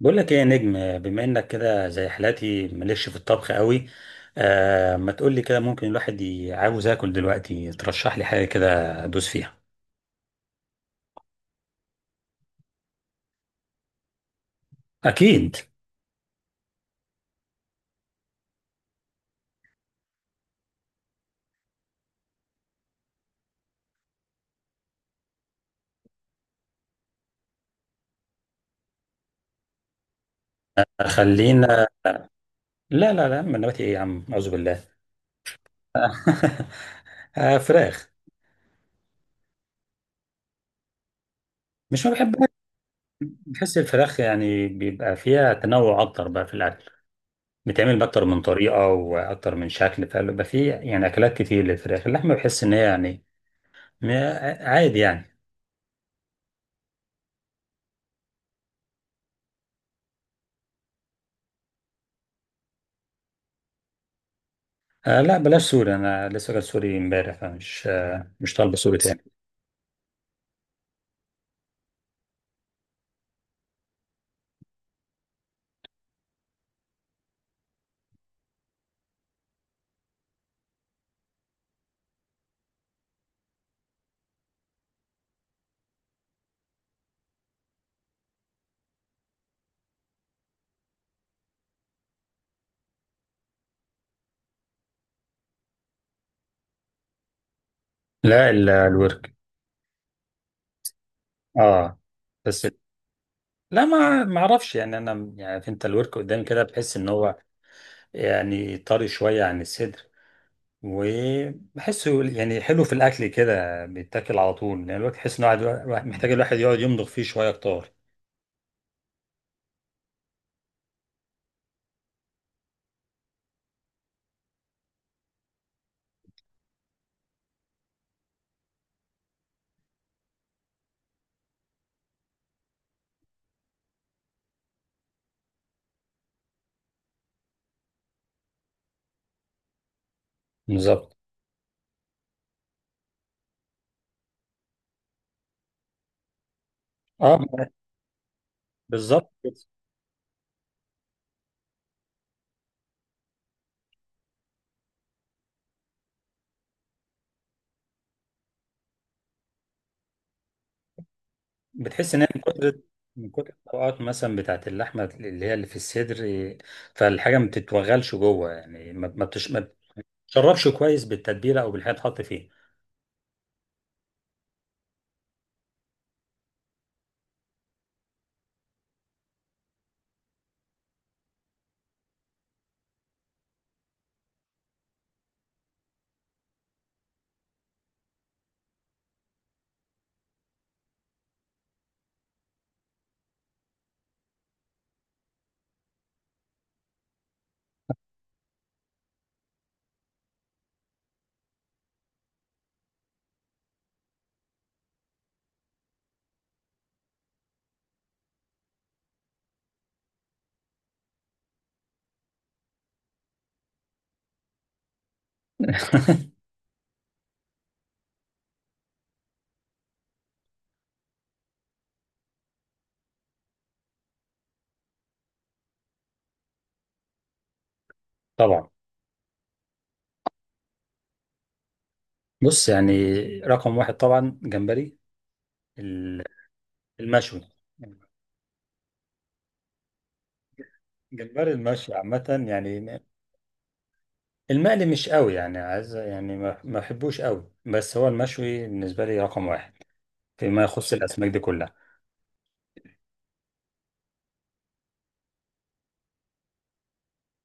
بقول لك ايه يا نجم، بما انك كده زي حالاتي مالكش في الطبخ قوي. ما تقول لي كده، ممكن الواحد عاوز اكل دلوقتي، ترشح لي حاجه كده ادوس فيها. اكيد. خلينا. لا من نباتي ايه يا عم، اعوذ بالله. آه فراخ. مش ما بحبها. بحس الفراخ يعني بيبقى فيها تنوع اكتر بقى في الاكل، بتعمل باكتر من طريقه واكتر من شكل، فبيبقى فيه يعني اكلات كتير للفراخ. اللحمه بحس ان هي يعني م- عادي يعني. لا بلاش سوري، انا لسه جاي سوري امبارح، فمش مش طالبه سوري تاني. لا الورك. اه. بس لا، ما اعرفش يعني، انا يعني عارف انت الورك قدامي كده بحس ان هو يعني طري شويه عن الصدر، وبحسه يعني حلو في الاكل كده، بيتاكل على طول، لان يعني الورك تحس ان الواحد محتاج الواحد يقعد يمضغ فيه شويه اكتر. بالظبط. اه. بالظبط. بتحس ان هي من كتر، من كتر الطبقات مثلا بتاعت اللحمه، اللي هي اللي في الصدر إيه، فالحاجه ما بتتوغلش جوه، يعني ما بتشربش كويس بالتتبيله او بالحاجه تحط فيه. طبعا. بص يعني، رقم واحد طبعا جمبري، ال- المشوي. جمبري المشوي عامه يعني، المقلي مش قوي يعني، عايز يعني ما بحبوش قوي، بس هو المشوي بالنسبه لي رقم واحد فيما يخص الاسماك دي كلها.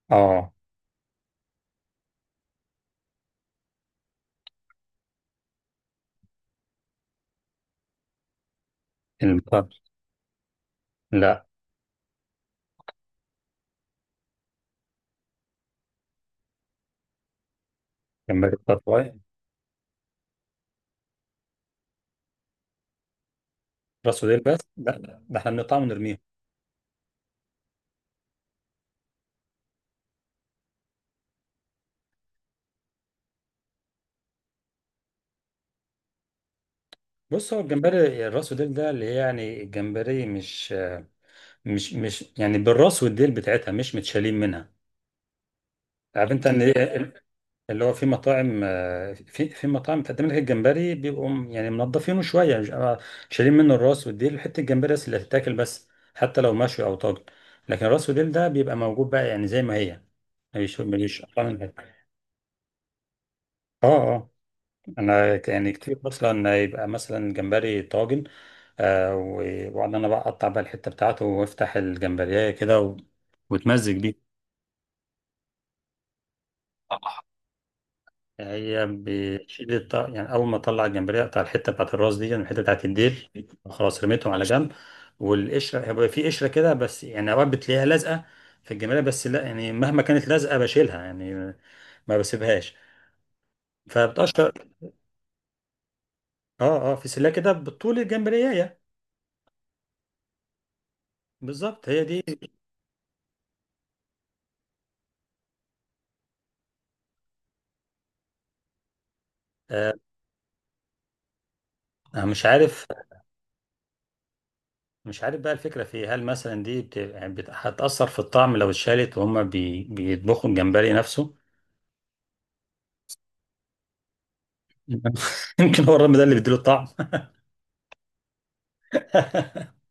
اه. المطر. لا. جمبري التطوي. راس وديل، بس ده، ده احنا بنقطعه ونرميه. بص، هو الجمبري الراس وديل ده اللي هي يعني الجمبري مش يعني بالراس والديل بتاعتها مش متشالين منها. عارف انت ان إيه، اللي هو في مطاعم، في في مطاعم بتقدم لك الجمبري بيبقوا يعني منضفينه شويه، مش شايلين منه الراس والديل، حته الجمبري بس اللي هتتاكل بس، حتى لو مشوي او طاجن. لكن الراس والديل ده بيبقى موجود بقى، يعني زي ما هي، مش قطع منها. اه. آه. انا يعني كتير مثلا يبقى مثلا جمبري طاجن، واقعد انا بقى اقطع بقى الحته بتاعته وافتح الجمبريه كده واتمزج بيه. هي بتشيل يعني اول ما اطلع الجمبريه اقطع الحته بتاعت الراس دي، يعني الحته بتاعت الديل، خلاص رميتهم على جنب. والقشره هيبقى في قشره كده، بس يعني اوقات بتلاقيها لازقه في الجمبريه، بس لا يعني مهما كانت لازقه بشيلها يعني، ما بسيبهاش، فبتقشر. اه اه، في سلة كده بطول الجمبريه. بالظبط، هي دي. آه، أنا مش عارف. مش عارف بقى الفكرة في إيه، هل مثلا دي بت... يعني بت... هتأثر في الطعم لو اتشالت وهما بي... بيطبخوا الجمبري نفسه. يمكن هو الرمل ده اللي بيديله الطعم.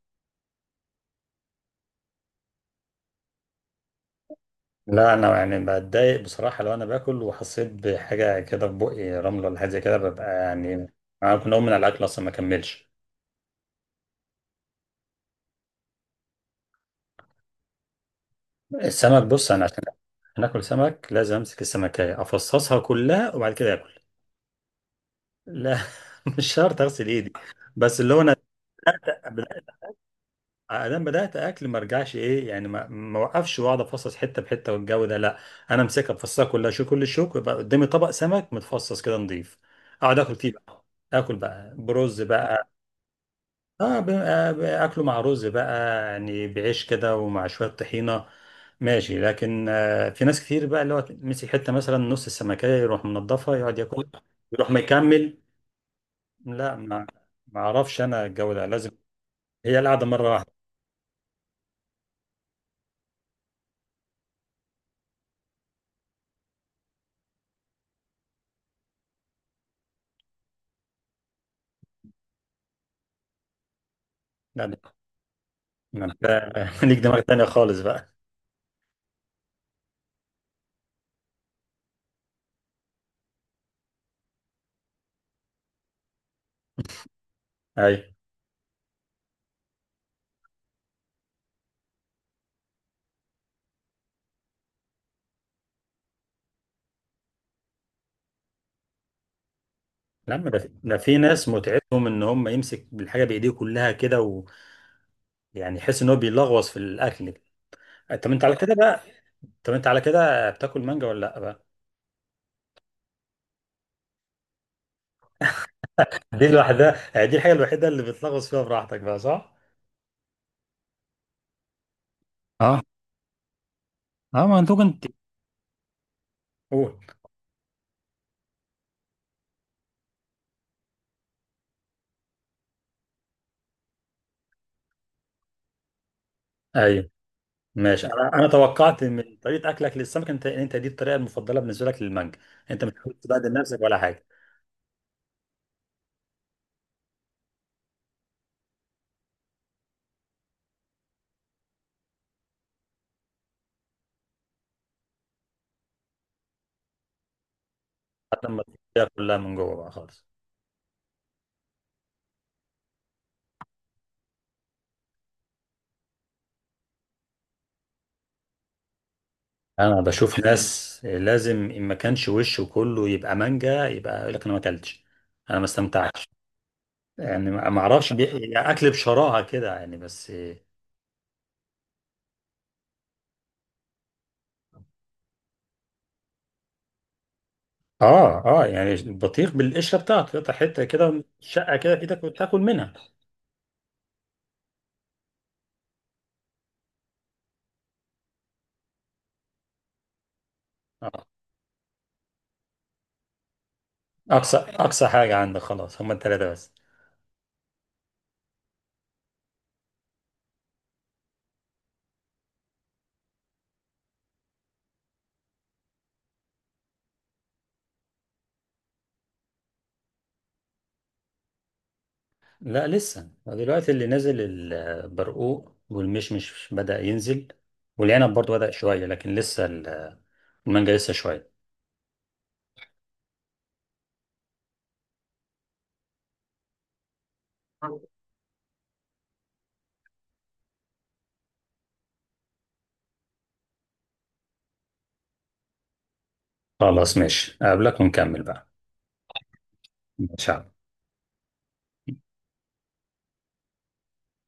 لا أنا يعني بتضايق بصراحة، لو أنا باكل وحسيت بحاجة كده في بقي رمل ولا حاجة زي كده، ببقى يعني أنا ممكن أقوم من على الأكل أصلا ما أكملش. السمك. بص أنا عشان هناكل سمك لازم أمسك السمكية أفصصها كلها وبعد كده آكل. لا. مش شرط أغسل إيدي، بس اللي هو أنا، انا بدات اكل ما ارجعش ايه يعني، ما اوقفش واقعد افصص حته بحته والجو ده، لا. انا امسكها افصصها كلها، شو كل الشوك، يبقى قدامي طبق سمك متفصص كده نضيف، اقعد اكل فيه بقى. اكل بقى برز بقى. اه اكله مع رز بقى، يعني بعيش كده ومع شويه طحينه، ماشي. لكن في ناس كتير بقى اللي هو مسك حته مثلا نص السمكيه يروح منضفها يقعد ياكل، يروح مكمل. لا ما اعرفش انا، الجو ده لازم هي القعده مره واحده. ما انت ليك دماغ تانية خالص بقى. ايوه. لا ما ده في، ده في ناس متعتهم ان هم يمسك بالحاجه بايديه كلها كده، ويعني يحس ان هو بيلغوص في الاكل. طب انت على كده بقى، طب انت على كده بتاكل مانجا ولا لا بقى؟ دي الوحده، يعني دي الحاجه الوحيده اللي بتلغوص فيها براحتك بقى، صح؟ اه اه، ما انت كنت، قول. ايوه، ماشي. انا انا توقعت من طريقه اكلك للسمك انت، انت دي الطريقه المفضله بالنسبه لك للمانجا. انت مش حابب تبهدل نفسك ولا حاجه، حتى لما تاكلها كلها من جوه بقى خالص. انا بشوف ناس لازم ان ما كانش وشه كله يبقى مانجا يبقى يقول لك انا ما اكلتش، انا ما استمتعتش. يعني ما اعرفش يعني اكل بشراهه كده يعني، بس. اه اه، يعني البطيخ بالقشره بتاعته، تقطع حته كده شقه كده في ايدك وتاكل منها. آه. اقصى اقصى حاجه عندك خلاص هما الثلاثه بس؟ لا لسه دلوقتي اللي نازل البرقوق والمشمش بدأ ينزل، والعنب برضو بدأ شويه، لكن لسه المانجا لسه شويه. خلاص ماشي، اقابلك ونكمل بقى. ماشي.